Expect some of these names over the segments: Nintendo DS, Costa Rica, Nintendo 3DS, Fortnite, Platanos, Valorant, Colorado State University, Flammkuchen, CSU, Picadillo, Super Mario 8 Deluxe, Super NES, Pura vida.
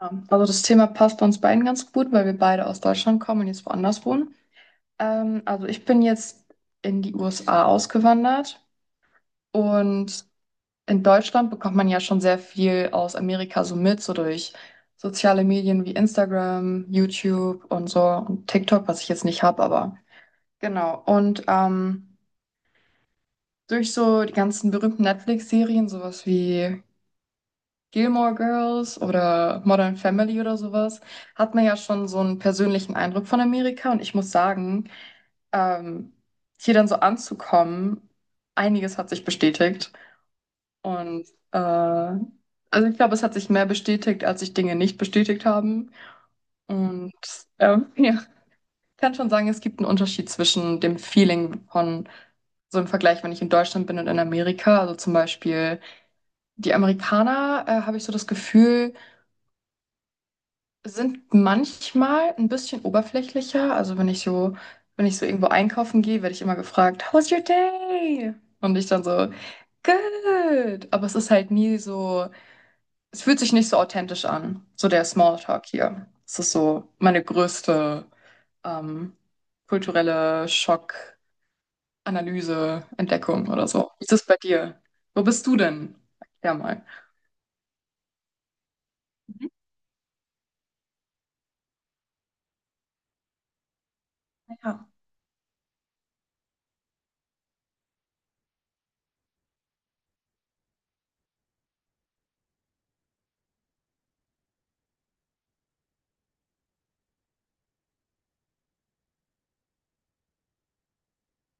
Ja, Also das Thema passt bei uns beiden ganz gut, weil wir beide aus Deutschland kommen und jetzt woanders wohnen. Also ich bin jetzt in die USA ausgewandert, und in Deutschland bekommt man ja schon sehr viel aus Amerika so mit, so durch soziale Medien wie Instagram, YouTube und so und TikTok, was ich jetzt nicht habe, aber genau. Und durch so die ganzen berühmten Netflix-Serien, sowas wie Gilmore Girls oder Modern Family oder sowas, hat man ja schon so einen persönlichen Eindruck von Amerika. Und ich muss sagen, ähm, hier dann so anzukommen, einiges hat sich bestätigt. Und äh, also ich glaube, es hat sich mehr bestätigt, als sich Dinge nicht bestätigt haben. Und ja, ich kann schon sagen, es gibt einen Unterschied zwischen dem Feeling von so im Vergleich, wenn ich in Deutschland bin und in Amerika. Also zum Beispiel die Amerikaner, habe ich so das Gefühl, sind manchmal ein bisschen oberflächlicher. Also wenn ich so irgendwo einkaufen gehe, werde ich immer gefragt, how's your day? Und ich dann so, good. Aber es ist halt nie so, es fühlt sich nicht so authentisch an. So der Smalltalk hier. Das ist so meine größte ähm, kulturelle Schockanalyse, Entdeckung oder so. Wie ist es bei dir? Wo bist du denn? Ja mal. Mhm. Ja.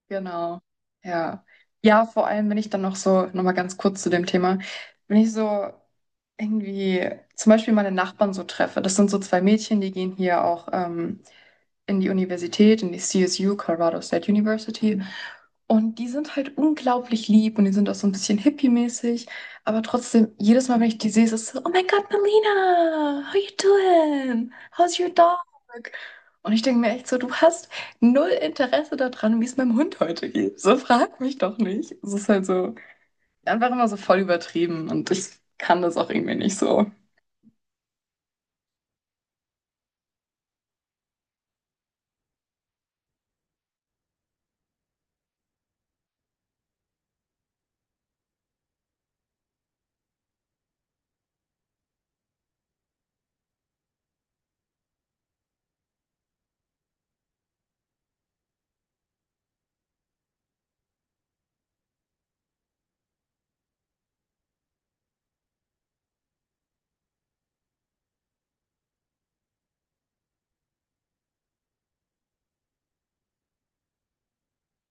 Genau, ja. Ja, vor allem, wenn ich dann noch so, nochmal ganz kurz zu dem Thema, wenn ich so irgendwie zum Beispiel meine Nachbarn so treffe, das sind so zwei Mädchen, die gehen hier auch in die Universität, in die CSU, Colorado State University. Und die sind halt unglaublich lieb und die sind auch so ein bisschen hippie-mäßig. Aber trotzdem, jedes Mal, wenn ich die sehe, ist es so, oh mein Gott, Melina, how you doing? How's your dog? Und ich denke mir echt so, du hast null Interesse daran, wie es meinem Hund heute geht. So frag mich doch nicht. Es ist halt so einfach immer so voll übertrieben und ich kann das auch irgendwie nicht so.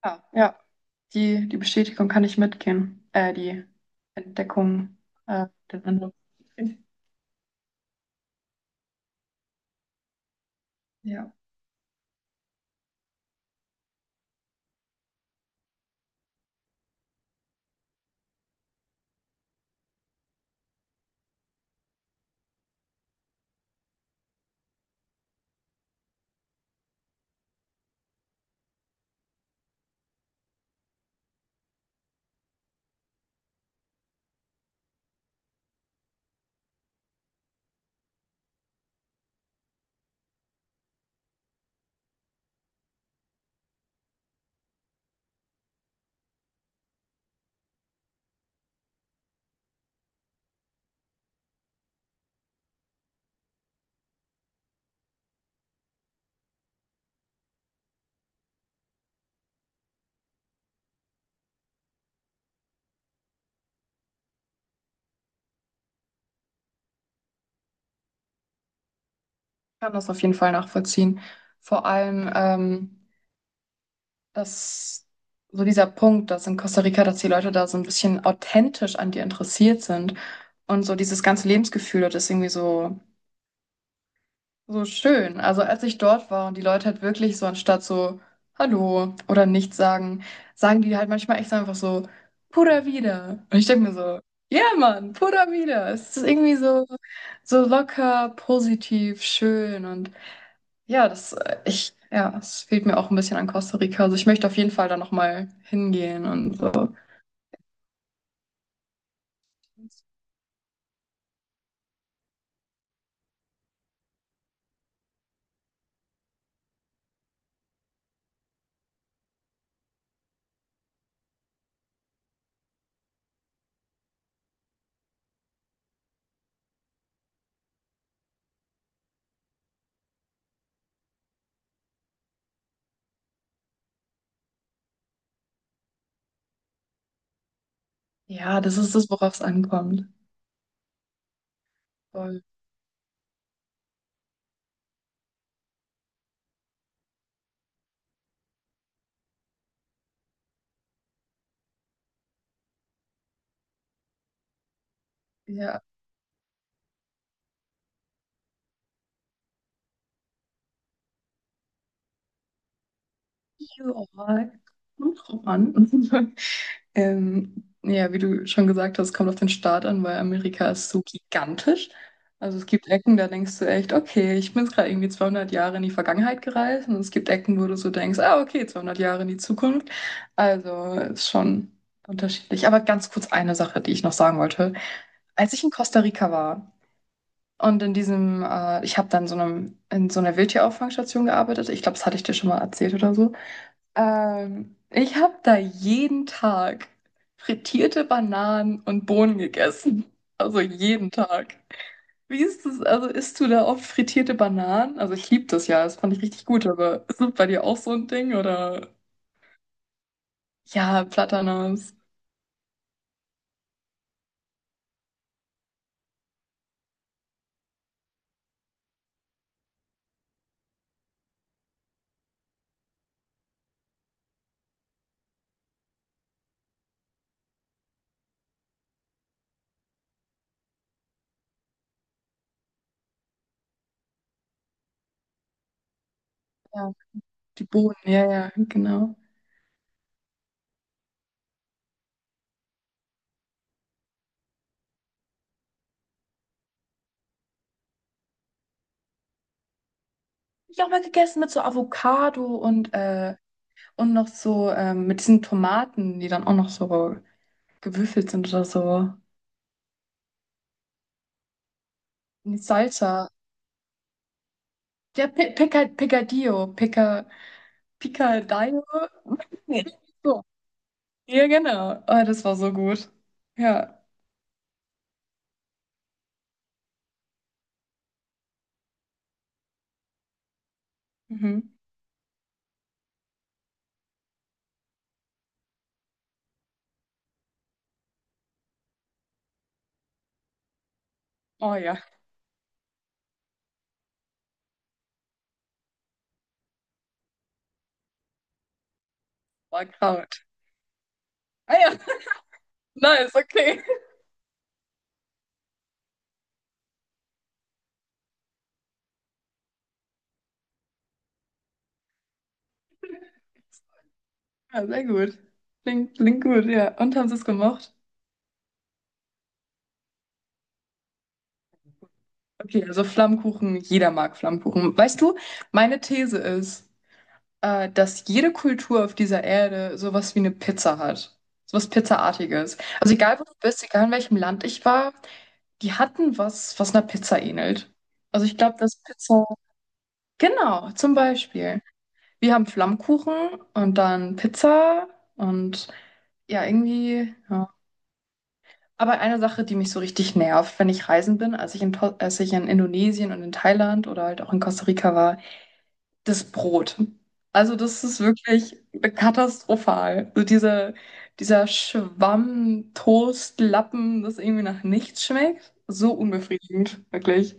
Ja, ja. Die Bestätigung kann ich mitgehen. Die Entdeckung, äh, den Eindruck. Ja, ich kann das auf jeden Fall nachvollziehen. Vor allem, dass so dieser Punkt, dass in Costa Rica, dass die Leute da so ein bisschen authentisch an dir interessiert sind und so dieses ganze Lebensgefühl, das ist irgendwie so schön. Also als ich dort war und die Leute halt wirklich so anstatt so Hallo oder nichts sagen, sagen die halt manchmal echt so einfach so Pura vida. Und ich denke mir so, ja Mann, Pura vida. Es ist irgendwie so locker, positiv, schön und ja, das es fehlt mir auch ein bisschen an Costa Rica. Also ich möchte auf jeden Fall da noch mal hingehen und so. Ja, das ist das, worauf es ankommt. Voll. Ja, überall. Kommt drauf an. Ja, wie du schon gesagt hast, kommt auf den Staat an, weil Amerika ist so gigantisch. Also es gibt Ecken, da denkst du echt, okay, ich bin jetzt gerade irgendwie 200 Jahre in die Vergangenheit gereist. Und es gibt Ecken, wo du so denkst, ah, okay, 200 Jahre in die Zukunft. Also ist schon unterschiedlich. Aber ganz kurz eine Sache, die ich noch sagen wollte. Als ich in Costa Rica war und in diesem, ich habe dann so einem, in so einer Wildtierauffangstation gearbeitet. Ich glaube, das hatte ich dir schon mal erzählt oder so. Ich habe da jeden Tag frittierte Bananen und Bohnen gegessen. Also jeden Tag. Wie ist das? Also isst du da oft frittierte Bananen? Also ich liebe das ja, das fand ich richtig gut, aber ist das bei dir auch so ein Ding oder? Ja, Platanos. Ja, die Bohnen, ja, ja, genau. Hab ich auch mal gegessen mit so Avocado und noch so mit diesen Tomaten, die dann auch noch so gewürfelt sind oder so. In die Salsa. Picadillo, Picadillo. Nee. So. Ja, genau. Oh, das war so gut. Ja. Mhm. Oh ja, war Kraut. Ah ja, nice, okay. Ja, sehr gut. Klingt gut, ja. Und haben sie es gemocht? Okay, also Flammkuchen, jeder mag Flammkuchen. Weißt du, meine These ist, dass jede Kultur auf dieser Erde sowas wie eine Pizza hat. Sowas Pizzaartiges. Also egal, wo du bist, egal in welchem Land ich war, die hatten was, was einer Pizza ähnelt. Also ich glaube, das Pizza. Genau, zum Beispiel. Wir haben Flammkuchen und dann Pizza und ja, irgendwie. Ja. Aber eine Sache, die mich so richtig nervt, wenn ich reisen bin, als ich in Indonesien und in Thailand oder halt auch in Costa Rica war, das Brot. Also das ist wirklich katastrophal. So dieser Schwamm, Toast, Lappen, das irgendwie nach nichts schmeckt. So unbefriedigend, wirklich.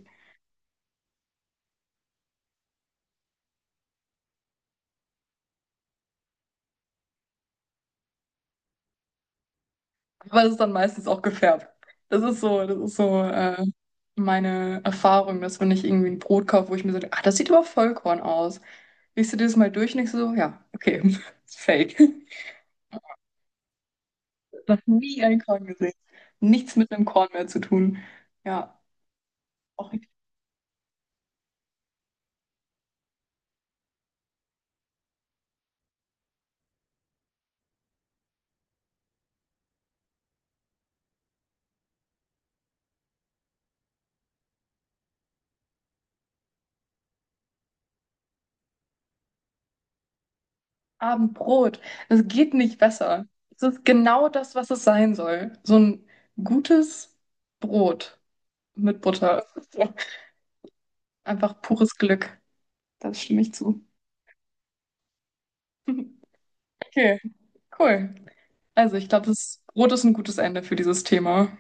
Aber es ist dann meistens auch gefärbt. Das ist so meine Erfahrung, dass wenn ich irgendwie ein Brot kaufe, wo ich mir so, ah, das sieht aber Vollkorn aus. Riechst du dieses Mal durch und denkst so, ja, okay, ist fake. Noch nie ein Korn gesehen. Nichts mit einem Korn mehr zu tun. Ja, auch richtig. Abendbrot. Es geht nicht besser. Es ist genau das, was es sein soll. So ein gutes Brot mit Butter. Einfach pures Glück. Das stimme ich zu. Okay, cool. Also ich glaube, das Rot ist ein gutes Ende für dieses Thema.